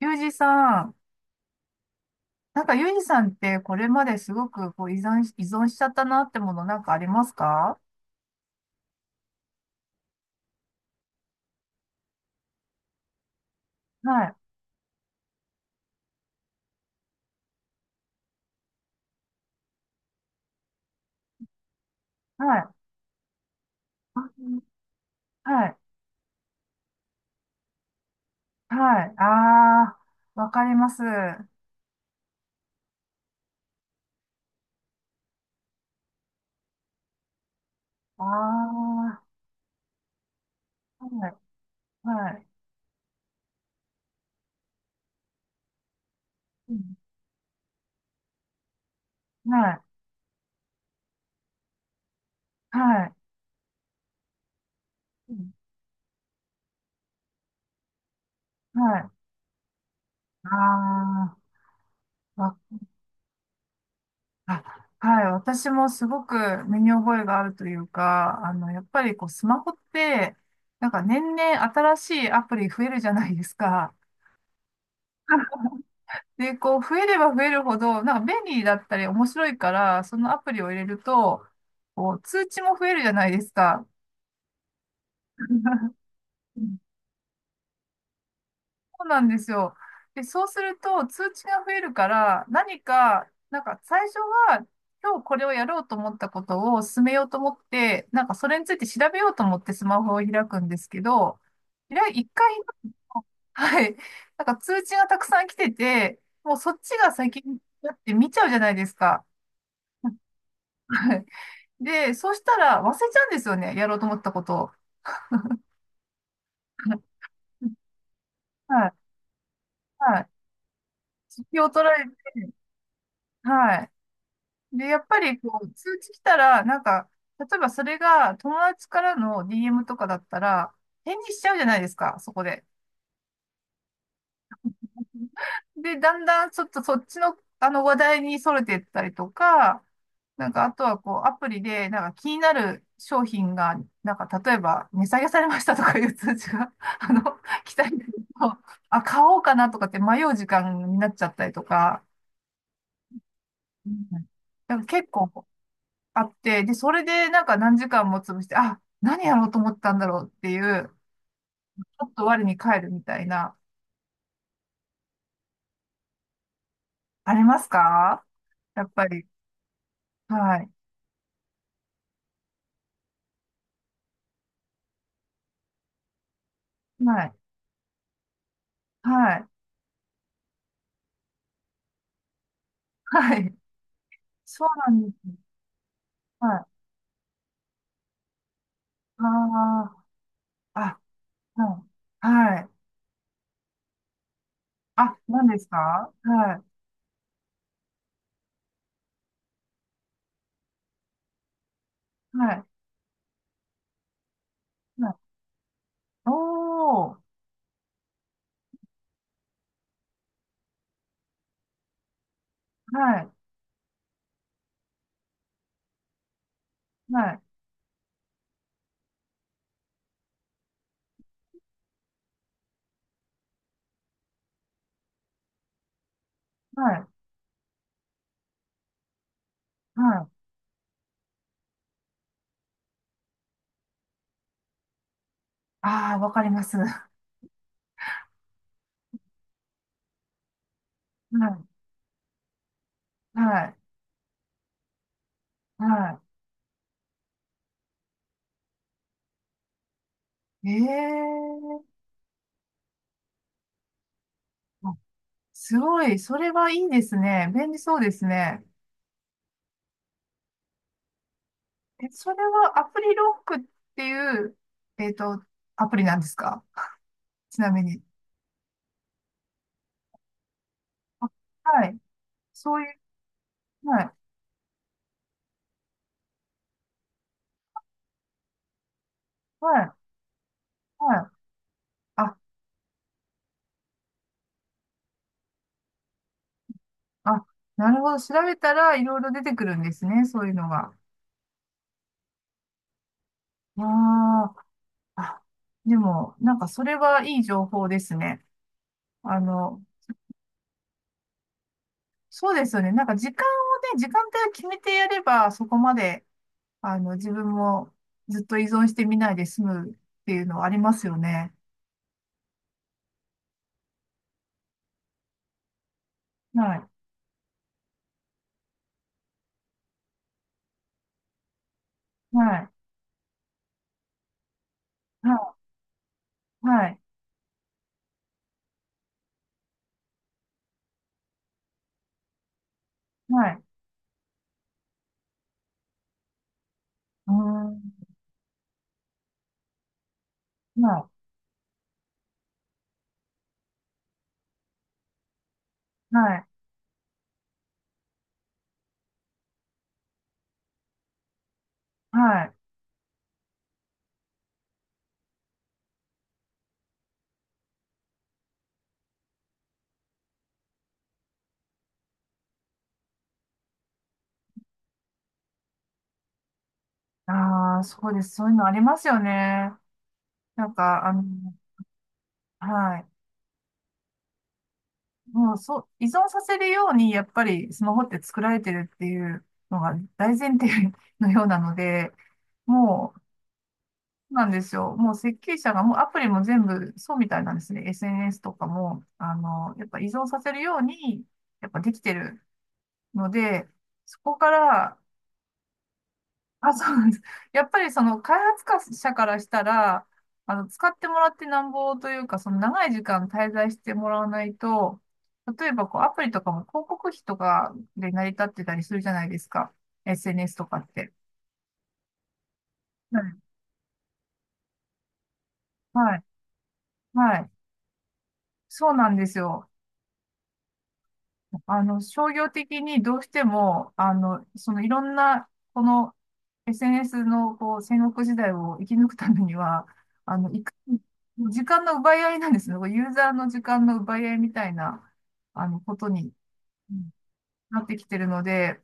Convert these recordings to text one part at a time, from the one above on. ユージさん、なんかユージさんってこれまですごくこう依存しちゃったなってものなんかありますか？はい、はい、あ、はい、はい。あー、わかります。あー、はい、はい、うん、はい、はい、うん、はい、あー、あ、はい、私もすごく身に覚えがあるというか、あの、やっぱりこうスマホって、なんか年々新しいアプリ増えるじゃないですか。で、こう、増えれば増えるほど、なんか便利だったり面白いから、そのアプリを入れると、こう、通知も増えるじゃないですか。そうなんですよ。で、そうすると通知が増えるから、なんか最初は今日これをやろうと思ったことを進めようと思って、なんかそれについて調べようと思ってスマホを開くんですけど、一回開くと、はい。なんか通知がたくさん来てて、もうそっちが先にやって見ちゃうじゃないですか。はい。で、そしたら忘れちゃうんですよね。やろうと思ったことを。はい。はい。気を取られて、はい。で、やっぱりこう、通知来たら、なんか、例えばそれが友達からの DM とかだったら、返事しちゃうじゃないですか、そこで。で、だんだんちょっとそっちの、あの話題に逸れてったりとか、なんか、あとはこう、アプリで、なんか気になる商品が、なんか、例えば、値下げされましたとかいう通知が、あの、来たりすると、あ、買おうかなとかって迷う時間になっちゃったりとか、うん、なんか結構あって、で、それでなんか何時間も潰して、あ、何やろうと思ったんだろうっていう、ちょっと我に返るみたいな、ありますか？やっぱり。はい。はい。はい。はい。そうなんです。はい。ああ。あ、はい。はい。あ、何ですか？はい、はい、はい。おー、はい、はい、はい、はい。ああ、わかります。はい、はい、はい。ええー、あ、すごい。それはいいですね。便利そうですね。え、それはアプリロックっていう、えっと、アプリなんですか？ちなみに。あ、はい。そういう、はい、はい、はい。あ、あ、なるほど。調べたらいろいろ出てくるんですね。そういうのが。ああ。あ、でも、なんかそれはいい情報ですね。あの、そうですよね。なんか時間をね、時間帯を決めてやれば、そこまで、あの、自分もずっと依存してみないで済むっていうのはありますよね。はい、はい、はい、はい、はい、うーん、はい、はい、はい。ああ、そうです。そういうのありますよね。なんか、あの、はい。もうそう、依存させるように、やっぱりスマホって作られてるっていうのが大前提のようなので、もう、そうなんですよ。もう設計者がもうアプリも全部そうみたいなんですね。SNS とかも、あの、やっぱ依存させるように、やっぱできてるので、そこから、あ、そうなんです。やっぱりその開発者からしたら、あの、使ってもらってなんぼというか、その長い時間滞在してもらわないと、例えばこうアプリとかも広告費とかで成り立ってたりするじゃないですか。SNS とかって。はい。はい。はい。そうなんですよ。あの、商業的にどうしても、あの、そのいろんな、この SNS のこう戦国時代を生き抜くためには、あの、時間の奪い合いなんですね。こうユーザーの時間の奪い合いみたいな、あの、ことに、うん、なってきてるので、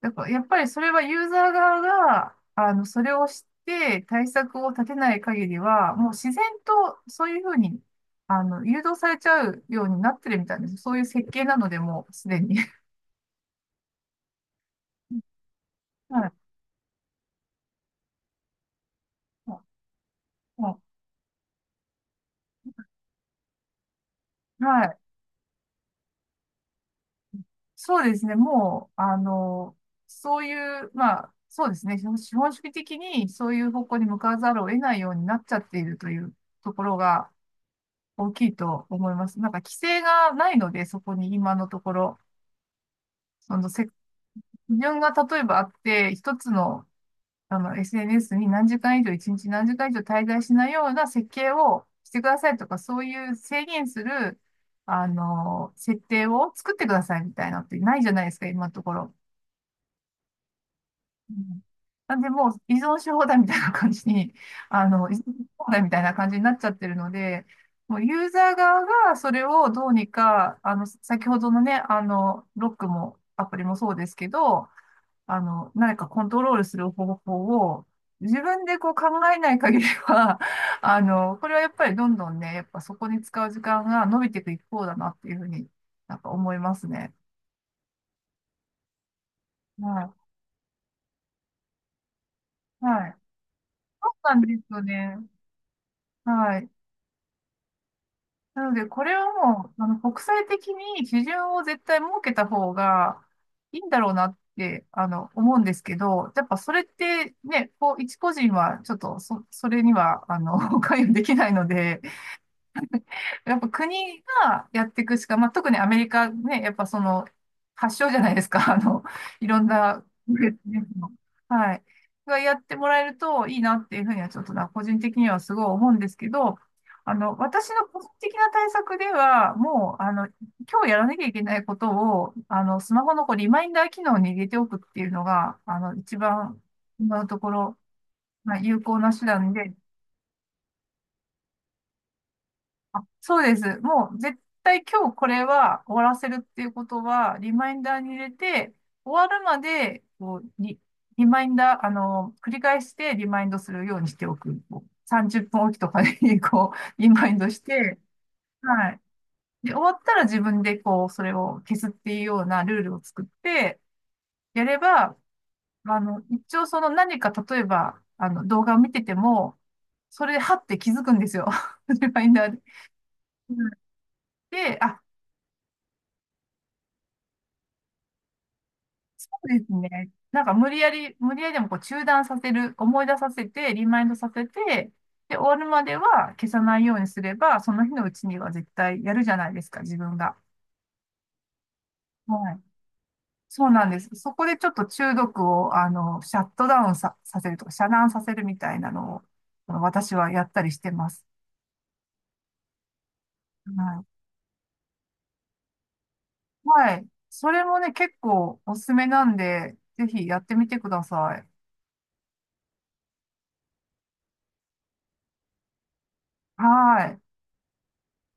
だからやっぱりそれはユーザー側が、あの、それを知って対策を立てない限りは、もう自然とそういうふうに、あの、誘導されちゃうようになってるみたいです。そういう設計なので、もうすでに。はい。ああ。はい。はい。そうですね。もう、あの、そういう、まあ、そうですね。資本主義的にそういう方向に向かわざるを得ないようになっちゃっているというところが大きいと思います。なんか規制がないので、そこに今のところ、その基準が例えばあって、一つのあの、SNS に何時間以上、一日何時間以上滞在しないような設計をしてくださいとか、そういう制限する、あの、設定を作ってくださいみたいなのってないじゃないですか、今のところ。うん、なんで、もう依存し放題みたいな感じに、あの、依存し放題みたいな感じになっちゃってるので、もうユーザー側がそれをどうにか、あの、先ほどのね、あの、ロックもアプリもそうですけど、あの、何かコントロールする方法を自分でこう考えない限りは、あの、これはやっぱりどんどんね、やっぱそこに使う時間が伸びていく一方だなっていうふうになんか思いますね。はい。はい。そうなんですよね。はい。なので、これはもう、あの、国際的に基準を絶対設けた方がいいんだろうなって、あの、思うんですけど、やっぱそれってね、こう、一個人はちょっとそれには、あの、関与できないので、やっぱ国がやっていくしか、まあ、特にアメリカね、やっぱその発祥じゃないですか、あの、いろんな、はい、がやってもらえるといいなっていうふうにはちょっとな、個人的にはすごい思うんですけど、あの、私の個人的な対策では、もう、あの、今日やらなきゃいけないことを、あの、スマホのこうリマインダー機能に入れておくっていうのが、あの、一番今のところ、まあ、有効な手段で、そうです。もう絶対今日これは終わらせるっていうことは、リマインダーに入れて、終わるまで、こう、リマインダー、あの、繰り返してリマインドするようにしておく。こう30分おきとかに、こう、リマインドして、はい。で、終わったら自分で、こう、それを消すっていうようなルールを作って、やれば、あの、一応その何か、例えば、あの、動画を見てても、それで、はって気づくんですよ。リマインダーで。うん、で、あ、そうですね。なんか無理やり、無理やりでもこう中断させる、思い出させて、リマインドさせて、で、終わるまでは消さないようにすれば、その日のうちには絶対やるじゃないですか、自分が。はい。そうなんです。そこでちょっと中毒を、あの、シャットダウンさ、させるとか、遮断させるみたいなのを、あの私はやったりしてます。はい。はい。それもね、結構おすすめなんで、ぜひやってみてください。はい。